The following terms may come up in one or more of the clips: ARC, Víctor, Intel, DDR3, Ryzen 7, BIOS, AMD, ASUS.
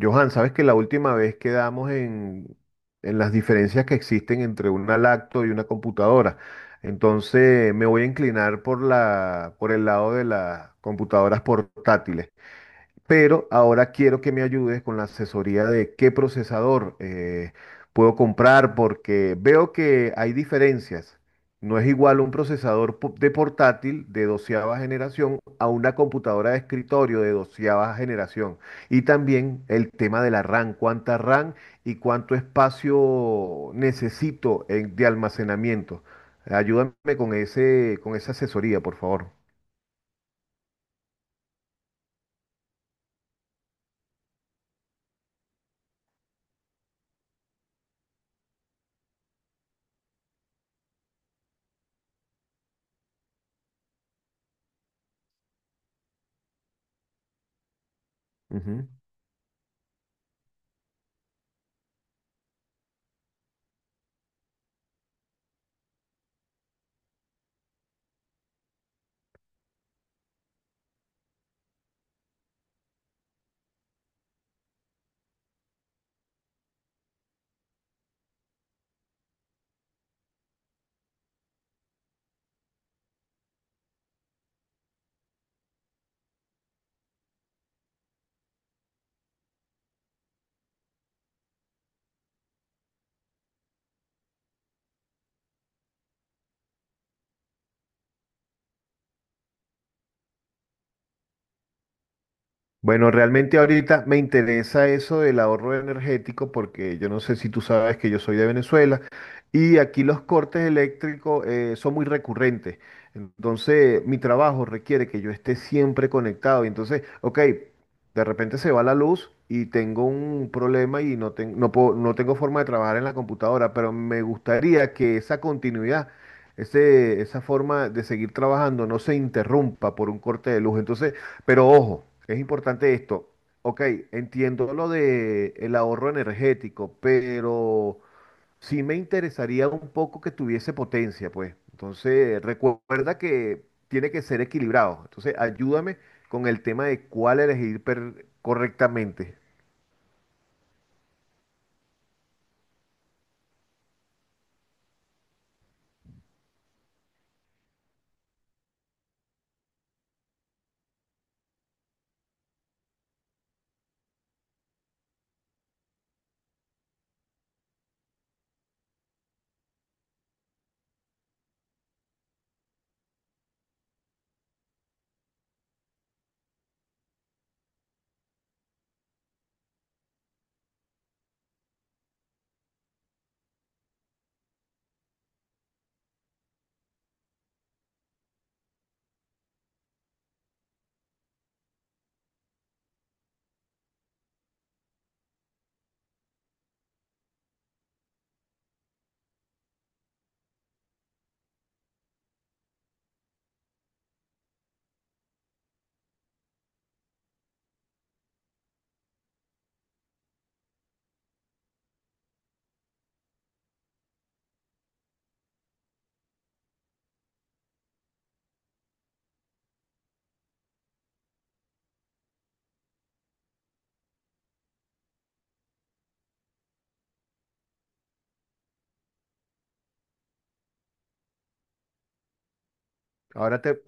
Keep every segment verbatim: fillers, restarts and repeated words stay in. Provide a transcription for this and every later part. Johan, sabes que la última vez quedamos en, en las diferencias que existen entre una lacto y una computadora. Entonces me voy a inclinar por la, por el lado de las computadoras portátiles, pero ahora quiero que me ayudes con la asesoría de qué procesador eh, puedo comprar, porque veo que hay diferencias. No es igual un procesador po- de portátil de doceava generación a una computadora de escritorio de doceava generación. Y también el tema de la RAM, cuánta RAM y cuánto espacio necesito en- de almacenamiento. Ayúdame con ese, con esa asesoría, por favor. Ujú. Bueno, realmente ahorita me interesa eso del ahorro energético porque yo no sé si tú sabes que yo soy de Venezuela y aquí los cortes eléctricos eh, son muy recurrentes. Entonces, mi trabajo requiere que yo esté siempre conectado. Y entonces, ok, de repente se va la luz y tengo un problema y no, ten- no puedo- no tengo forma de trabajar en la computadora, pero me gustaría que esa continuidad, ese, esa forma de seguir trabajando no se interrumpa por un corte de luz. Entonces, pero ojo, es importante esto. Ok, entiendo lo de el ahorro energético, pero sí me interesaría un poco que tuviese potencia, pues. Entonces, recuerda que tiene que ser equilibrado. Entonces, ayúdame con el tema de cuál elegir per- correctamente. Ahora te...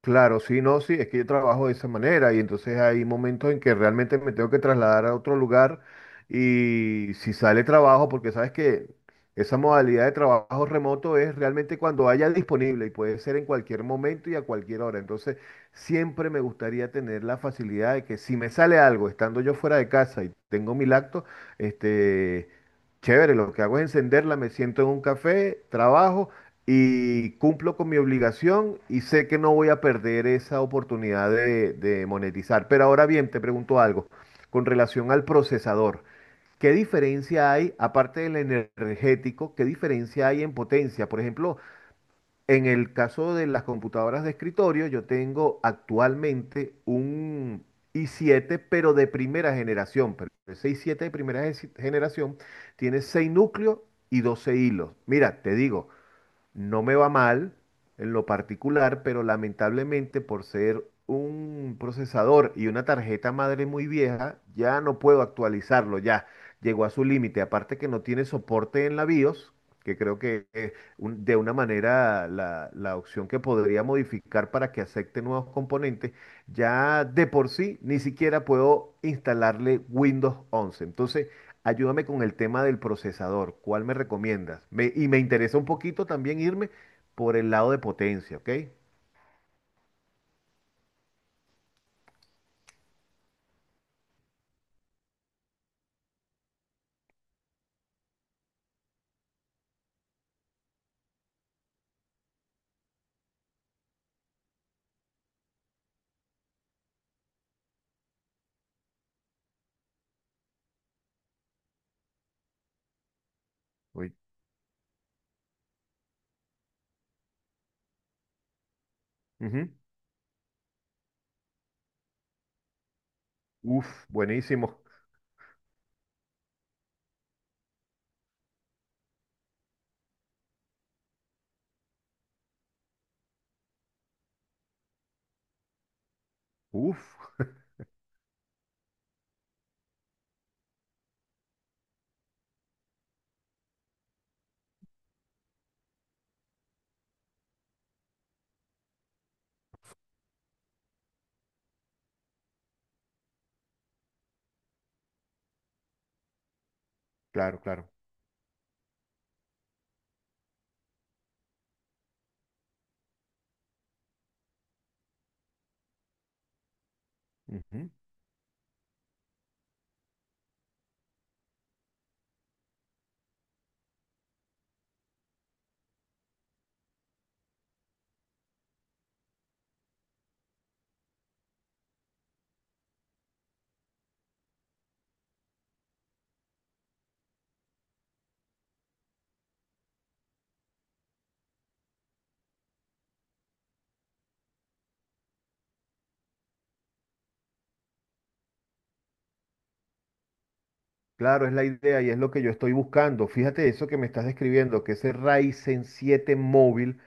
Claro, sí, no, sí, es que yo trabajo de esa manera y entonces hay momentos en que realmente me tengo que trasladar a otro lugar y si sale trabajo, porque sabes que esa modalidad de trabajo remoto es realmente cuando haya disponible y puede ser en cualquier momento y a cualquier hora. Entonces, siempre me gustaría tener la facilidad de que si me sale algo estando yo fuera de casa y tengo mi lacto, este, chévere, lo que hago es encenderla, me siento en un café, trabajo y cumplo con mi obligación y sé que no voy a perder esa oportunidad de, de monetizar. Pero ahora bien, te pregunto algo con relación al procesador. ¿Qué diferencia hay, aparte del energético, qué diferencia hay en potencia? Por ejemplo, en el caso de las computadoras de escritorio, yo tengo actualmente un i siete, pero de primera generación. Pero ese i siete de primera ge- generación tiene seis núcleos y doce hilos. Mira, te digo, no me va mal en lo particular, pero lamentablemente por ser un procesador y una tarjeta madre muy vieja, ya no puedo actualizarlo, ya llegó a su límite. Aparte que no tiene soporte en la BIOS, que creo que eh, un- de una manera la, la opción que podría modificar para que acepte nuevos componentes, ya de por sí ni siquiera puedo instalarle Windows once. Entonces, ayúdame con el tema del procesador. ¿Cuál me recomiendas? Me- y me interesa un poquito también irme por el lado de potencia, ¿ok? Uy. Ujú. Uf, buenísimo. Uf, claro, claro. Ujú. Claro, es la idea y es lo que yo estoy buscando. Fíjate eso que me estás describiendo, que ese Ryzen siete móvil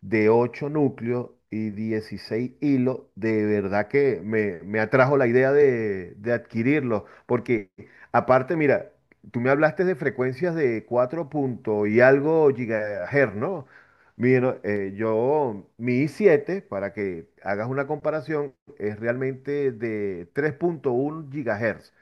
de ocho núcleos y dieciséis hilos, de verdad que me, me atrajo la idea de, de adquirirlo, porque aparte, mira, tú me hablaste de frecuencias de cuatro punto y algo gigahertz, ¿no? Mira, eh, yo, mi i siete, para que hagas una comparación, es realmente de tres punto uno gigahertz.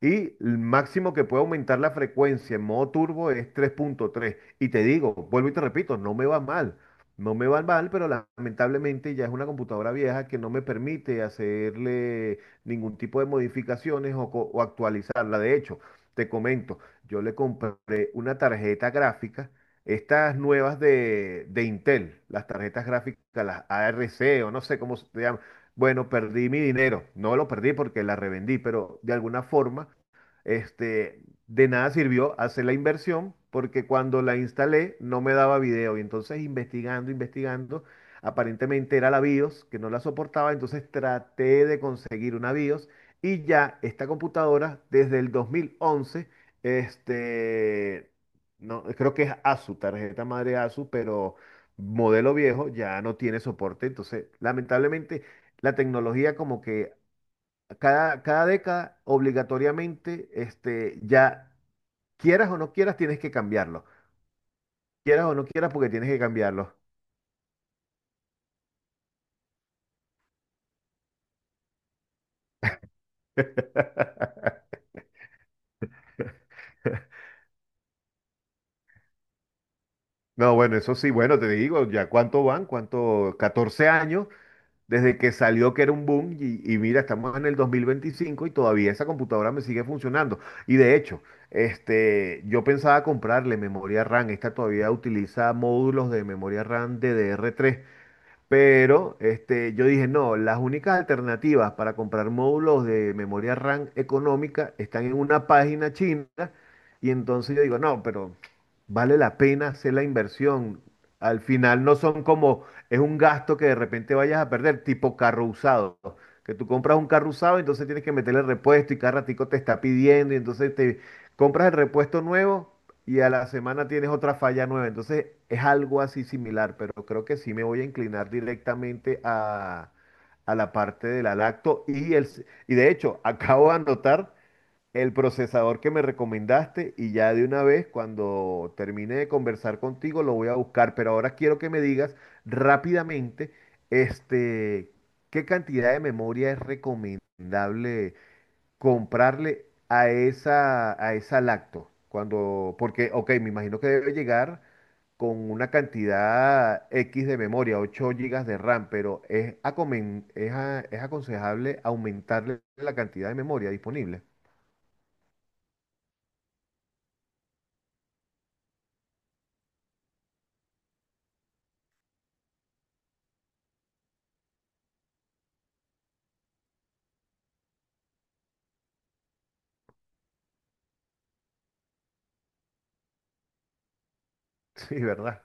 Y el máximo que puede aumentar la frecuencia en modo turbo es tres punto tres. Y te digo, vuelvo y te repito, no me va mal. No me va mal, pero lamentablemente ya es una computadora vieja que no me permite hacerle ningún tipo de modificaciones o, co- o actualizarla. De hecho, te comento, yo le compré una tarjeta gráfica, estas nuevas de, de Intel, las tarjetas gráficas, las A R C, o no sé cómo se llaman. Bueno, perdí mi dinero. No lo perdí porque la revendí, pero de alguna forma este, de nada sirvió hacer la inversión porque cuando la instalé no me daba video y entonces investigando, investigando, aparentemente era la BIOS que no la soportaba, entonces traté de conseguir una BIOS y ya esta computadora desde el dos mil once, este, no, creo que es ASUS, tarjeta madre ASUS, pero modelo viejo ya no tiene soporte, entonces lamentablemente la tecnología como que cada, cada década, obligatoriamente, este, ya quieras o no quieras, tienes que cambiarlo. Quieras o no quieras, porque tienes que cambiarlo. No, bueno, eso sí, bueno, te digo, ya cuánto van, cuánto, catorce años desde que salió que era un boom y, y mira, estamos en el dos mil veinticinco y todavía esa computadora me sigue funcionando. Y de hecho, este, yo pensaba comprarle memoria RAM, esta todavía utiliza módulos de memoria RAM D D R tres. Pero este, yo dije, no, las únicas alternativas para comprar módulos de memoria RAM económica están en una página china. Y entonces yo digo, no, pero vale la pena hacer la inversión. Al final no son como, es un gasto que de repente vayas a perder, tipo carro usado. Que tú compras un carro usado, entonces tienes que meterle repuesto y cada ratico te está pidiendo y entonces te compras el repuesto nuevo y a la semana tienes otra falla nueva. Entonces es algo así similar, pero creo que sí me voy a inclinar directamente a, a la parte de la lacto y el, s- y de hecho acabo de anotar el procesador que me recomendaste y ya de una vez cuando termine de conversar contigo lo voy a buscar, pero ahora quiero que me digas rápidamente este qué cantidad de memoria es recomendable comprarle a esa, a esa lacto. Cuando, porque, ok, me imagino que debe llegar con una cantidad X de memoria, ocho gigas de RAM, pero es, acomen- es, a- es aconsejable aumentarle la cantidad de memoria disponible. Sí, ¿verdad?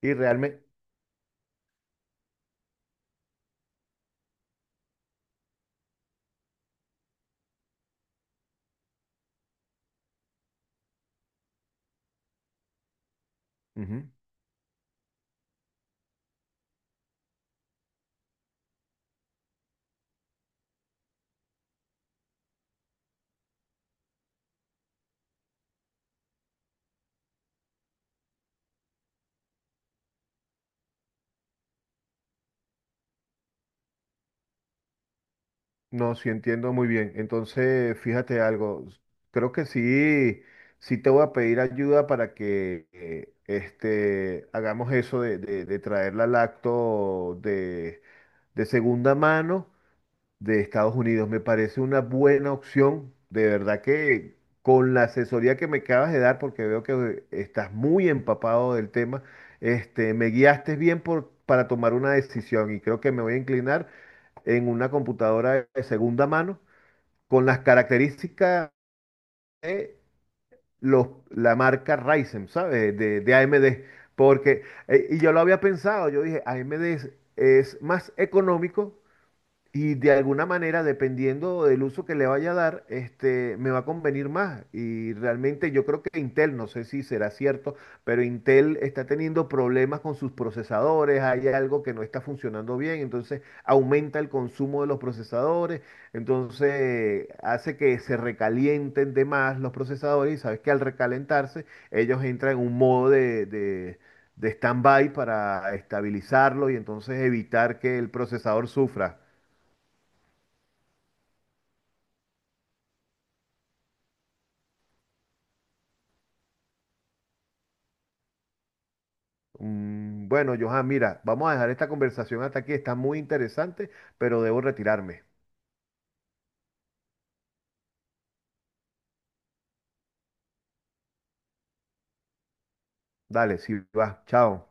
Y realmente... No, sí entiendo muy bien. Entonces, fíjate algo. Creo que sí, sí te voy a pedir ayuda para que eh, este, hagamos eso de, de- de traer la lacto de, de segunda mano de Estados Unidos. Me parece una buena opción. De verdad que con la asesoría que me acabas de dar, porque veo que estás muy empapado del tema, este, me guiaste bien por, para tomar una decisión y creo que me voy a inclinar en una computadora de segunda mano con las características de los, la marca Ryzen, ¿sabes? De, de A M D. Porque, eh, y yo lo había pensado, yo dije, A M D es, es más económico y de alguna manera, dependiendo del uso que le vaya a dar, este, me va a convenir más. Y realmente yo creo que Intel, no sé si será cierto, pero Intel está teniendo problemas con sus procesadores, hay algo que no está funcionando bien, entonces aumenta el consumo de los procesadores, entonces hace que se recalienten de más los procesadores y sabes que al recalentarse ellos entran en un modo de, de, de stand-by para estabilizarlo y entonces evitar que el procesador sufra. Mm. Bueno, Johan, mira, vamos a dejar esta conversación hasta aquí. Está muy interesante, pero debo retirarme. Dale, si vas, chao.